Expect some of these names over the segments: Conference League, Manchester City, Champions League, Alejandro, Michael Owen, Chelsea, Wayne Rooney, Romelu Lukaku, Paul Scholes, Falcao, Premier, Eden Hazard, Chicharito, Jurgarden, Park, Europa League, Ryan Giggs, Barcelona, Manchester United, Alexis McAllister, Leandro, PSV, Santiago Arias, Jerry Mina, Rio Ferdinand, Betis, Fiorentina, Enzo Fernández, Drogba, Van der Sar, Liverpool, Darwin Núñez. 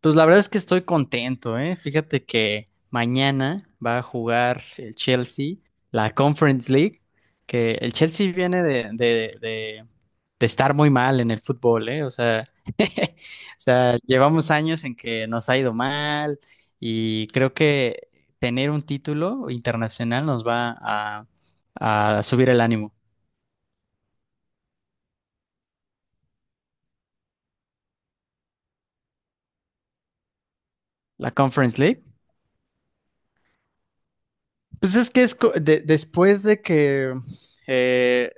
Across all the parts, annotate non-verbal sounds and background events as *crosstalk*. Pues la verdad es que estoy contento, ¿eh? Fíjate que mañana va a jugar el Chelsea, la Conference League, que el Chelsea viene de estar muy mal en el fútbol, ¿eh? O sea, *laughs* o sea, llevamos años en que nos ha ido mal y creo que tener un título internacional nos va a subir el ánimo. La Conference League. Pues es que es después de que eh,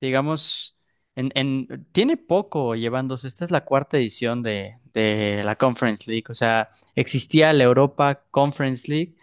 digamos, tiene poco llevándose. Esta es la cuarta edición de la Conference League. O sea, existía la Europa Conference League.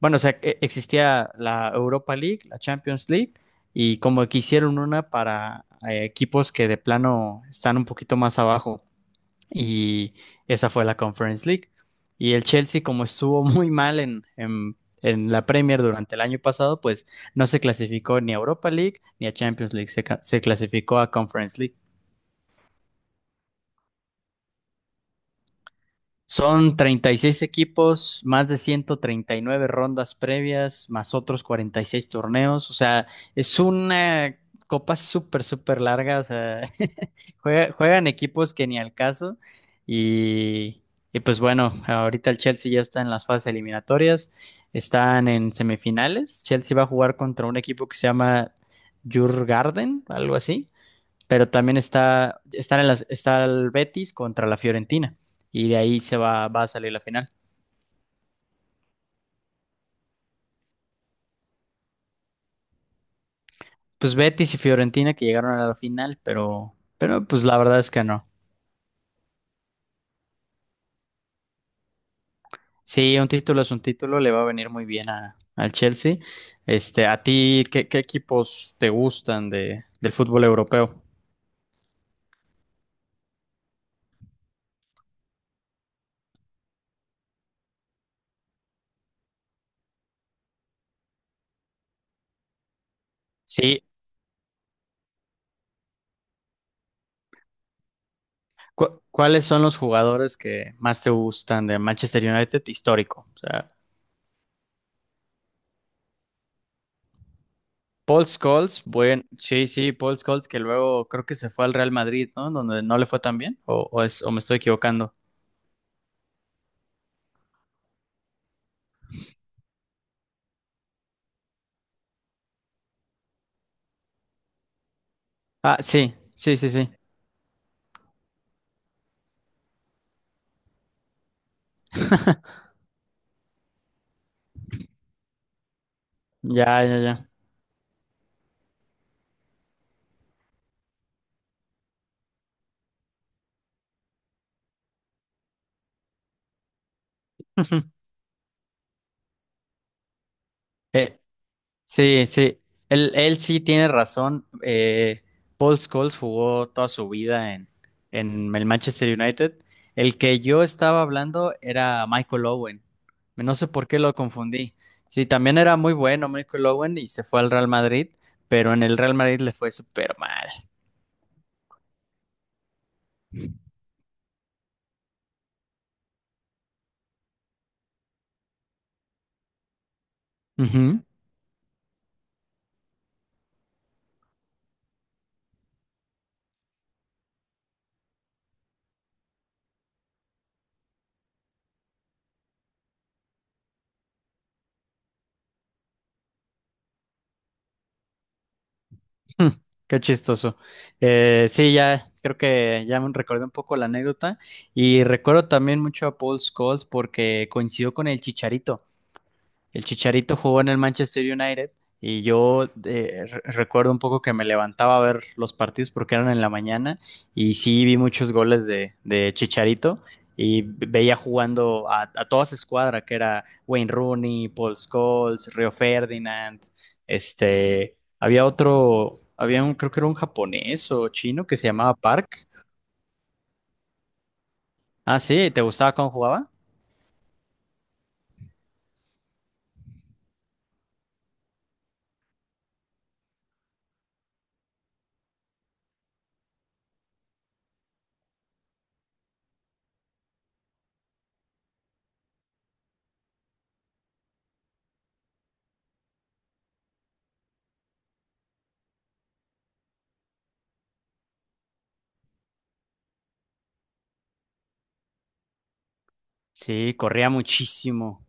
Bueno, o sea, existía la Europa League, la Champions League, y como que hicieron una para equipos que de plano están un poquito más abajo, y esa fue la Conference League. Y el Chelsea, como estuvo *laughs* muy mal en la Premier durante el año pasado, pues no se clasificó ni a Europa League ni a Champions League, se clasificó a Conference League. Son 36 equipos, más de 139 rondas previas, más otros 46 torneos. O sea, es una copa súper, súper larga. O sea, *laughs* juegan equipos que ni al caso. Y, y pues bueno, ahorita el Chelsea ya está en las fases eliminatorias. Están en semifinales. Chelsea va a jugar contra un equipo que se llama Jurgarden, algo así, pero también está, están en las, está el Betis contra la Fiorentina, y de ahí se va a salir la final. Pues Betis y Fiorentina que llegaron a la final, pero pues la verdad es que no. Sí, un título es un título, le va a venir muy bien al Chelsea. ¿A ti qué equipos te gustan del fútbol europeo? Sí, ¿cuáles son los jugadores que más te gustan de Manchester United histórico? O sea. Paul Scholes. Bueno, sí, sí, Paul Scholes, que luego creo que se fue al Real Madrid, ¿no? Donde no le fue tan bien, o me estoy equivocando. Ah, sí, sí, sí, sí. *laughs* Ya, ya, ya. *laughs* Eh, Sí, sí, él sí tiene razón. Paul Scholes jugó toda su vida en el Manchester United. El que yo estaba hablando era Michael Owen. No sé por qué lo confundí. Sí, también era muy bueno Michael Owen y se fue al Real Madrid, pero en el Real Madrid le fue súper mal. Ujú. *laughs* Qué chistoso. Sí, ya creo que ya me recordé un poco la anécdota y recuerdo también mucho a Paul Scholes porque coincidió con el Chicharito. El Chicharito jugó en el Manchester United, y yo recuerdo un poco que me levantaba a ver los partidos porque eran en la mañana, y sí vi muchos goles de Chicharito, y veía jugando a toda su escuadra que era Wayne Rooney, Paul Scholes, Rio Ferdinand. Este, había otro, había un, Creo que era un japonés o chino que se llamaba Park. Ah, sí, ¿te gustaba cómo jugaba? Sí, corría muchísimo.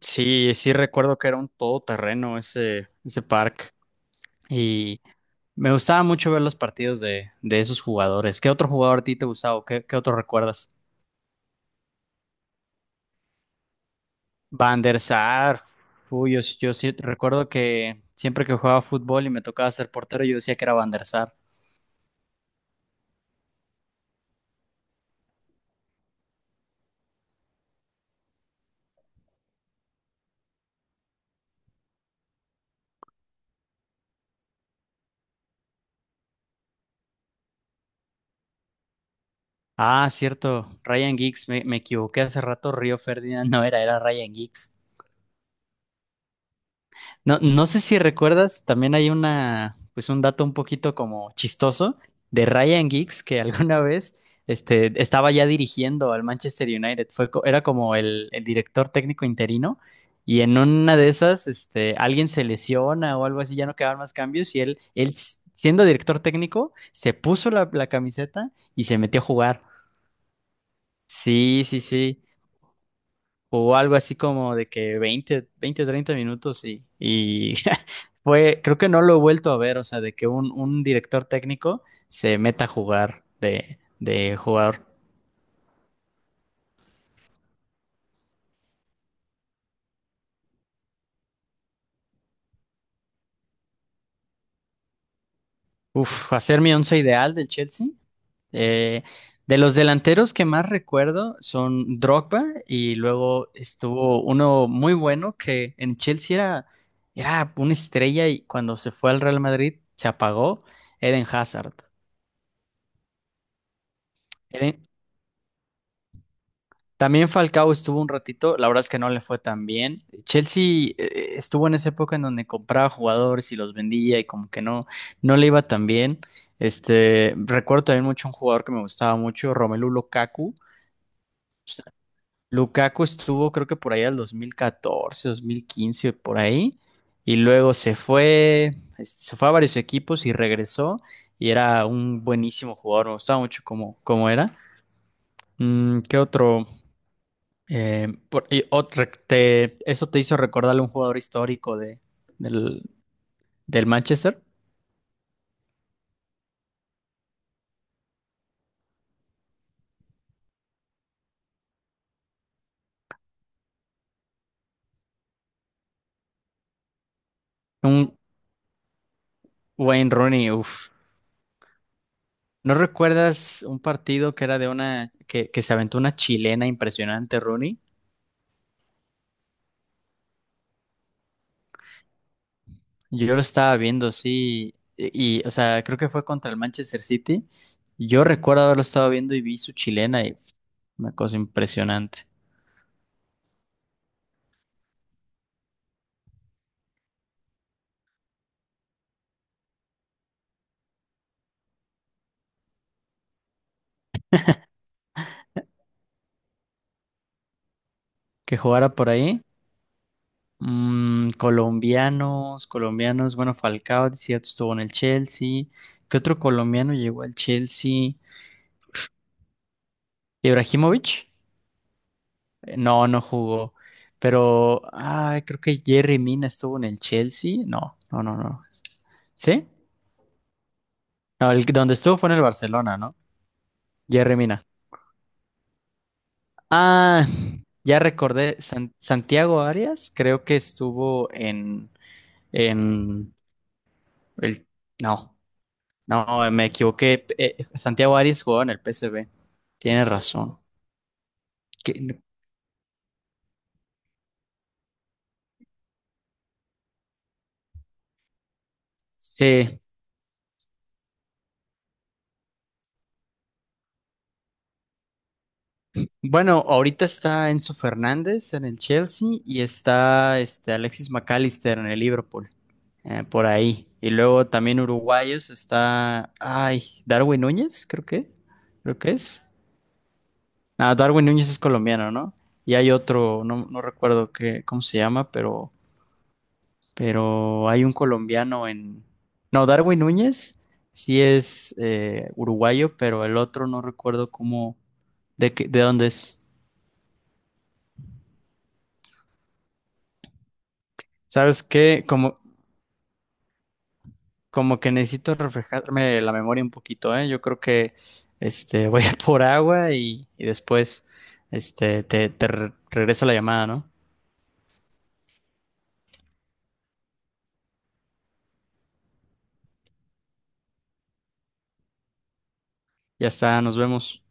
Sí, sí recuerdo que era un todoterreno ese parque, y me gustaba mucho ver los partidos de esos jugadores. ¿Qué otro jugador a ti te gustaba, o qué otro recuerdas? Van der Sar. Uy, yo sí recuerdo que siempre que jugaba fútbol y me tocaba ser portero yo decía que era Van der Sar. Ah, cierto, Ryan Giggs, me equivoqué hace rato, Río Ferdinand *laughs* no era, era Ryan Giggs. No, no sé si recuerdas, también hay una, pues un dato un poquito como chistoso de Ryan Giggs que *laughs* alguna vez estaba ya dirigiendo al Manchester United. Era como el director técnico interino, y en una de esas alguien se lesiona o algo así, ya no quedaban más cambios, y él siendo director técnico se puso la camiseta y se metió a jugar. Sí, sí, sí, o algo así como de que 20 20, 30 minutos, y *laughs* fue, creo que no lo he vuelto a ver, o sea, de que un director técnico se meta a jugar de jugador. Uf, hacer mi once ideal del Chelsea. Eh, de los delanteros que más recuerdo son Drogba, y luego estuvo uno muy bueno que en Chelsea era una estrella, y cuando se fue al Real Madrid se apagó: Eden Hazard. Eden, También Falcao estuvo un ratito, la verdad es que no le fue tan bien. Chelsea estuvo en esa época en donde compraba jugadores y los vendía, y como que no le iba tan bien. Recuerdo también mucho un jugador que me gustaba mucho, Romelu Lukaku. Lukaku estuvo creo que por ahí al 2014, 2015, por ahí. Y luego se fue, se fue a varios equipos y regresó, y era un buenísimo jugador, me gustaba mucho cómo era. Mm, ¿qué otro? Eso te hizo recordarle a un jugador histórico del, del Manchester, un Wayne Rooney. Uf. ¿No recuerdas un partido que era de una que se aventó una chilena impresionante, Rooney? Yo lo estaba viendo, sí, y, o sea, creo que fue contra el Manchester City. Yo recuerdo haberlo estado viendo y vi su chilena, y pf, una cosa impresionante. Que jugara por ahí. Colombianos, colombianos, bueno, Falcao, decía, estuvo en el Chelsea. ¿Qué otro colombiano llegó al Chelsea? ¿Ibrahimovic? No, no jugó. Pero, ah, creo que Jerry Mina estuvo en el Chelsea. No, no, no, no. ¿Sí? No, donde estuvo fue en el Barcelona, ¿no? Jerry Mina. Ah, ya recordé, Santiago Arias creo que estuvo en el... No. No, me equivoqué. Santiago Arias jugaba en el PSV. Tienes razón. Que- Sí. Bueno, ahorita está Enzo Fernández en el Chelsea y está Alexis McAllister en el Liverpool. Por ahí. Y luego también uruguayos está. Ay, Darwin Núñez, creo que. Creo que es. Ah, Darwin Núñez es colombiano, ¿no? Y hay otro, no, no recuerdo qué, cómo se llama, pero hay un colombiano en... No, Darwin Núñez sí es uruguayo, pero el otro no recuerdo cómo, de dónde es. ¿Sabes qué? Como que necesito refrescarme la memoria un poquito, ¿eh? Yo creo que *laughs* voy a por agua, y después regreso la llamada, ¿no? Ya está, nos vemos.